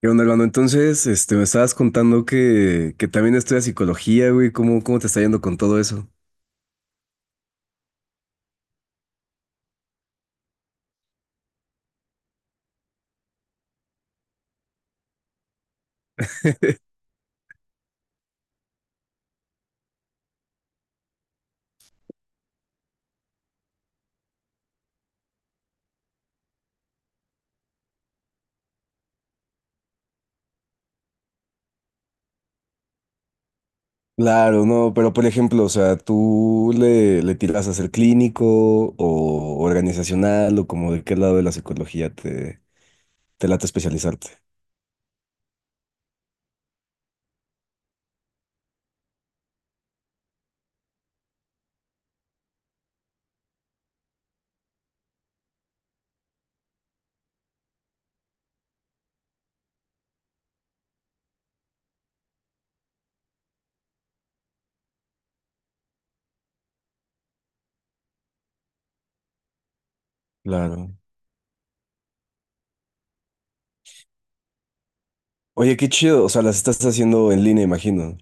¿Qué onda, hermano? Entonces, me estabas contando que también estudias psicología, güey. ¿Cómo te está yendo con todo eso? Claro, no, pero por ejemplo, o sea, ¿tú le tiras a ser clínico o organizacional o como de qué lado de la psicología te late especializarte? Claro. Oye, qué chido, o sea, las estás haciendo en línea, imagino.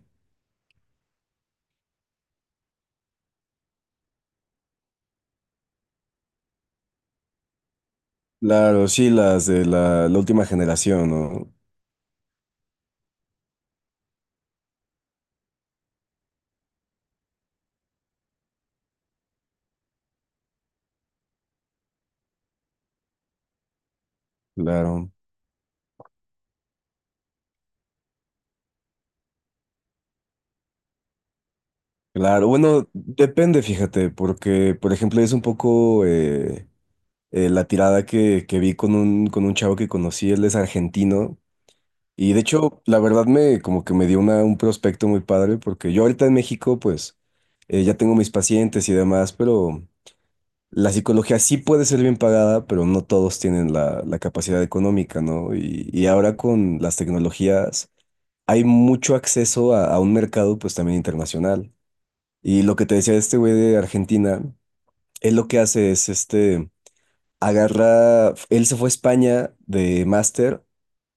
Claro, sí, las de la última generación, ¿no? Claro, claro. Bueno, depende, fíjate, porque, por ejemplo, es un poco... la tirada que vi con con un chavo que conocí, él es argentino. Y de hecho, la verdad me como que me dio un prospecto muy padre, porque yo ahorita en México, pues, ya tengo mis pacientes y demás, pero la psicología sí puede ser bien pagada, pero no todos tienen la capacidad económica, ¿no? Y ahora con las tecnologías hay mucho acceso a un mercado, pues, también internacional. Y lo que te decía este güey de Argentina, él lo que hace es agarra, él se fue a España de máster,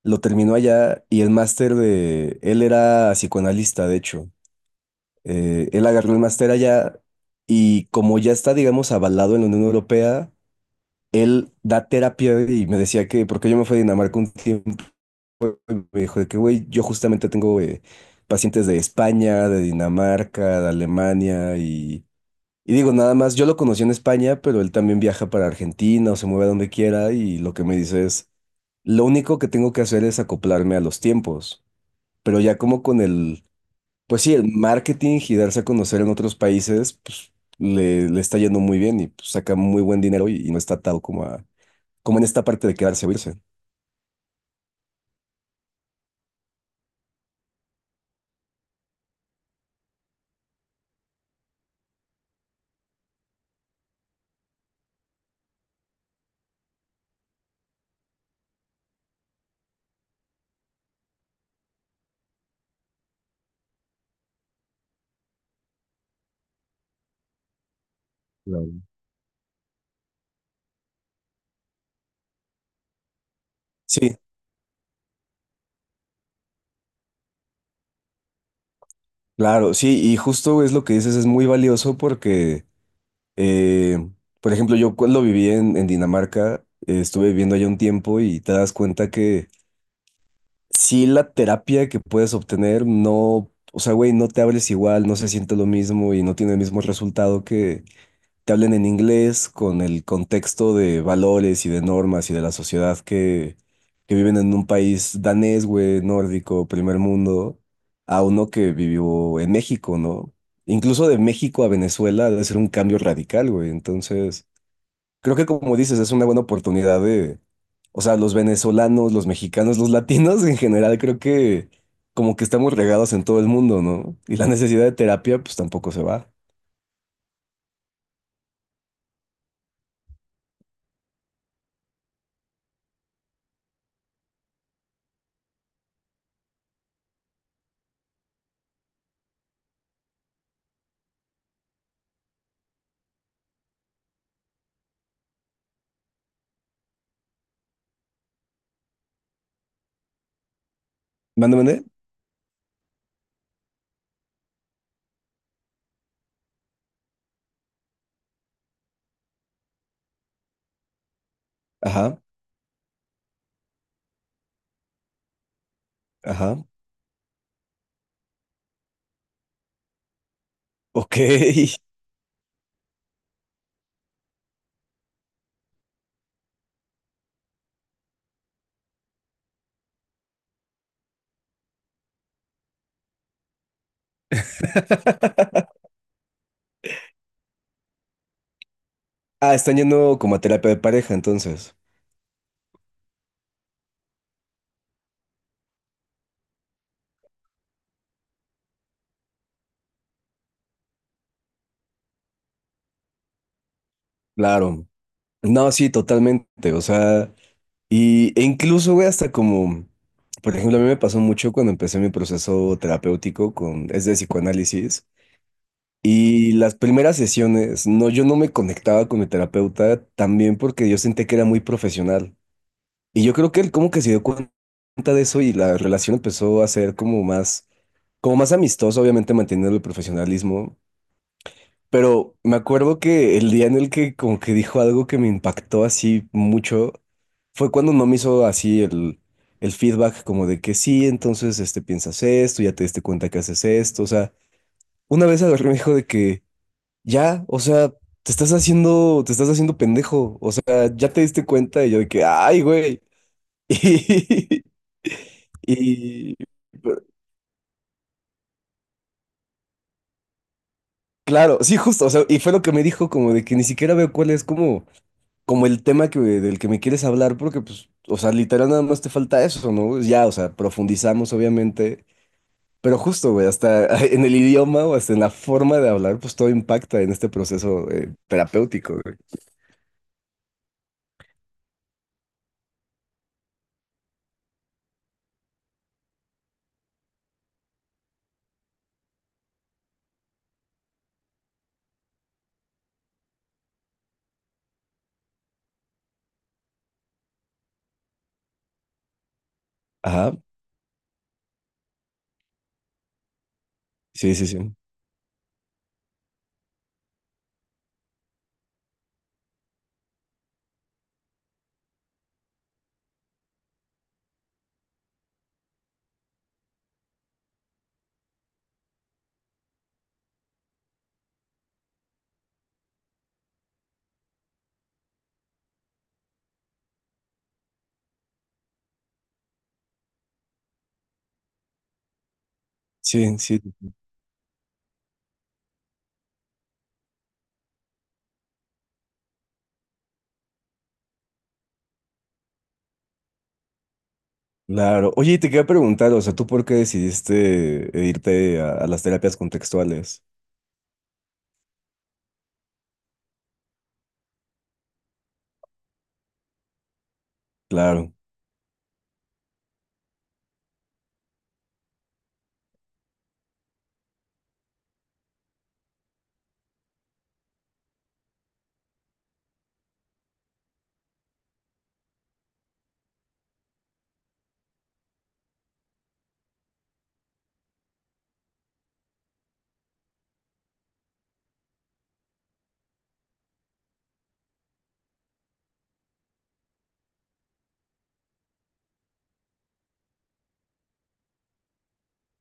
lo terminó allá y el máster de, él era psicoanalista, de hecho. Él agarró el máster allá y como ya está, digamos, avalado en la Unión Europea, él da terapia y me decía que, porque yo me fui a Dinamarca un tiempo y me dijo de que, güey, yo justamente tengo pacientes de España, de Dinamarca, de Alemania y... Y digo, nada más, yo lo conocí en España, pero él también viaja para Argentina o se mueve a donde quiera y lo que me dice es, lo único que tengo que hacer es acoplarme a los tiempos, pero ya como con pues sí, el marketing y darse a conocer en otros países, pues le está yendo muy bien y pues, saca muy buen dinero y no está atado como como en esta parte de quedarse o irse. Claro. Sí, claro, sí, y justo es lo que dices, es muy valioso porque... Eh, por ejemplo, yo cuando viví en Dinamarca, estuve viviendo allá un tiempo y te das cuenta que sí la terapia que puedes obtener no, o sea, güey, no te hables igual, no se siente lo mismo y no tiene el mismo resultado que te hablen en inglés con el contexto de valores y de normas y de la sociedad que viven en un país danés, güey, nórdico, primer mundo, a uno que vivió en México, ¿no? Incluso de México a Venezuela debe ser un cambio radical, güey. Entonces, creo que como dices, es una buena oportunidad de, o sea, los venezolanos, los mexicanos, los latinos en general, creo que como que estamos regados en todo el mundo, ¿no? Y la necesidad de terapia, pues tampoco se va. ¿Mande, mande? Ajá, ajá. Ok. Ah, están yendo como a terapia de pareja, entonces. Claro. No, sí, totalmente. O sea, e incluso, güey, hasta como, por ejemplo, a mí me pasó mucho cuando empecé mi proceso terapéutico con, es de psicoanálisis. Y las primeras sesiones, no, yo no me conectaba con mi terapeuta también porque yo sentía que era muy profesional. Y yo creo que él como que se dio cuenta de eso y la relación empezó a ser como más amistosa, obviamente manteniendo el profesionalismo. Pero me acuerdo que el día en el que como que dijo algo que me impactó así mucho fue cuando no me hizo así el feedback como de que sí, entonces este piensas esto, ya te diste cuenta que haces esto. O sea, una vez agarré y me dijo de que ya, o sea, te estás haciendo pendejo, o sea, ya te diste cuenta y yo de que, ay, güey. Y, y- pero, claro, sí, justo, o sea, y fue lo que me dijo como de que ni siquiera veo cuál es como, como el tema que, del que me quieres hablar, porque pues, o sea, literal nada más te falta eso, ¿no? Ya, o sea, profundizamos obviamente, pero justo, güey, hasta en el idioma o hasta en la forma de hablar, pues todo impacta en este proceso terapéutico, güey. Ajá, sí, sí, sí. Sí, sí. Claro. Oye, y te quería preguntar, o sea, ¿tú por qué decidiste irte a las terapias contextuales? Claro,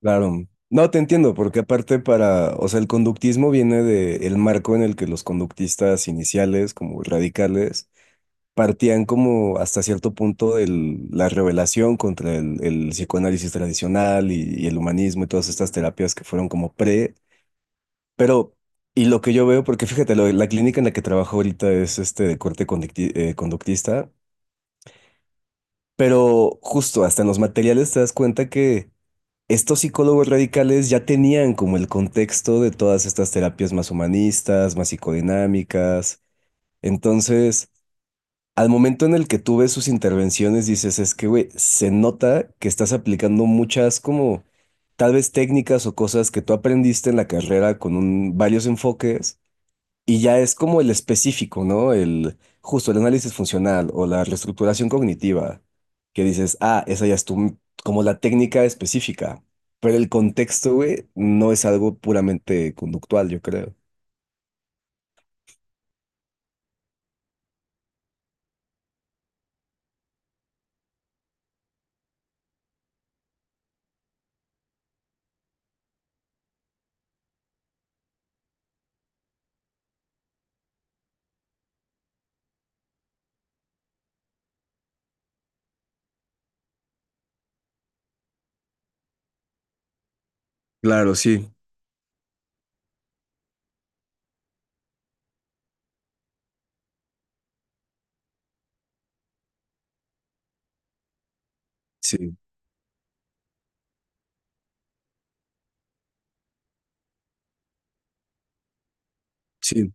claro. No, te entiendo, porque aparte para, o sea, el conductismo viene del marco en el que los conductistas iniciales, como radicales, partían como hasta cierto punto de la revelación contra el psicoanálisis tradicional y el humanismo y todas estas terapias que fueron como pre, pero... Y lo que yo veo, porque fíjate, lo- la clínica en la que trabajo ahorita es este de corte conducti- conductista. Pero justo hasta en los materiales te das cuenta que estos psicólogos radicales ya tenían como el contexto de todas estas terapias más humanistas, más psicodinámicas. Entonces, al momento en el que tú ves sus intervenciones, dices, es que, güey, se nota que estás aplicando muchas como tal vez técnicas o cosas que tú aprendiste en la carrera con un- varios enfoques y ya es como el específico, ¿no? El justo el análisis funcional o la reestructuración cognitiva, que dices, ah, esa ya es tu, como la técnica específica, pero el contexto, güey, no es algo puramente conductual, yo creo. Claro, sí, sí, sí,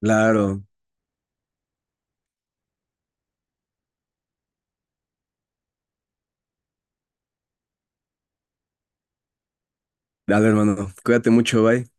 claro. Dale, hermano, cuídate mucho, bye.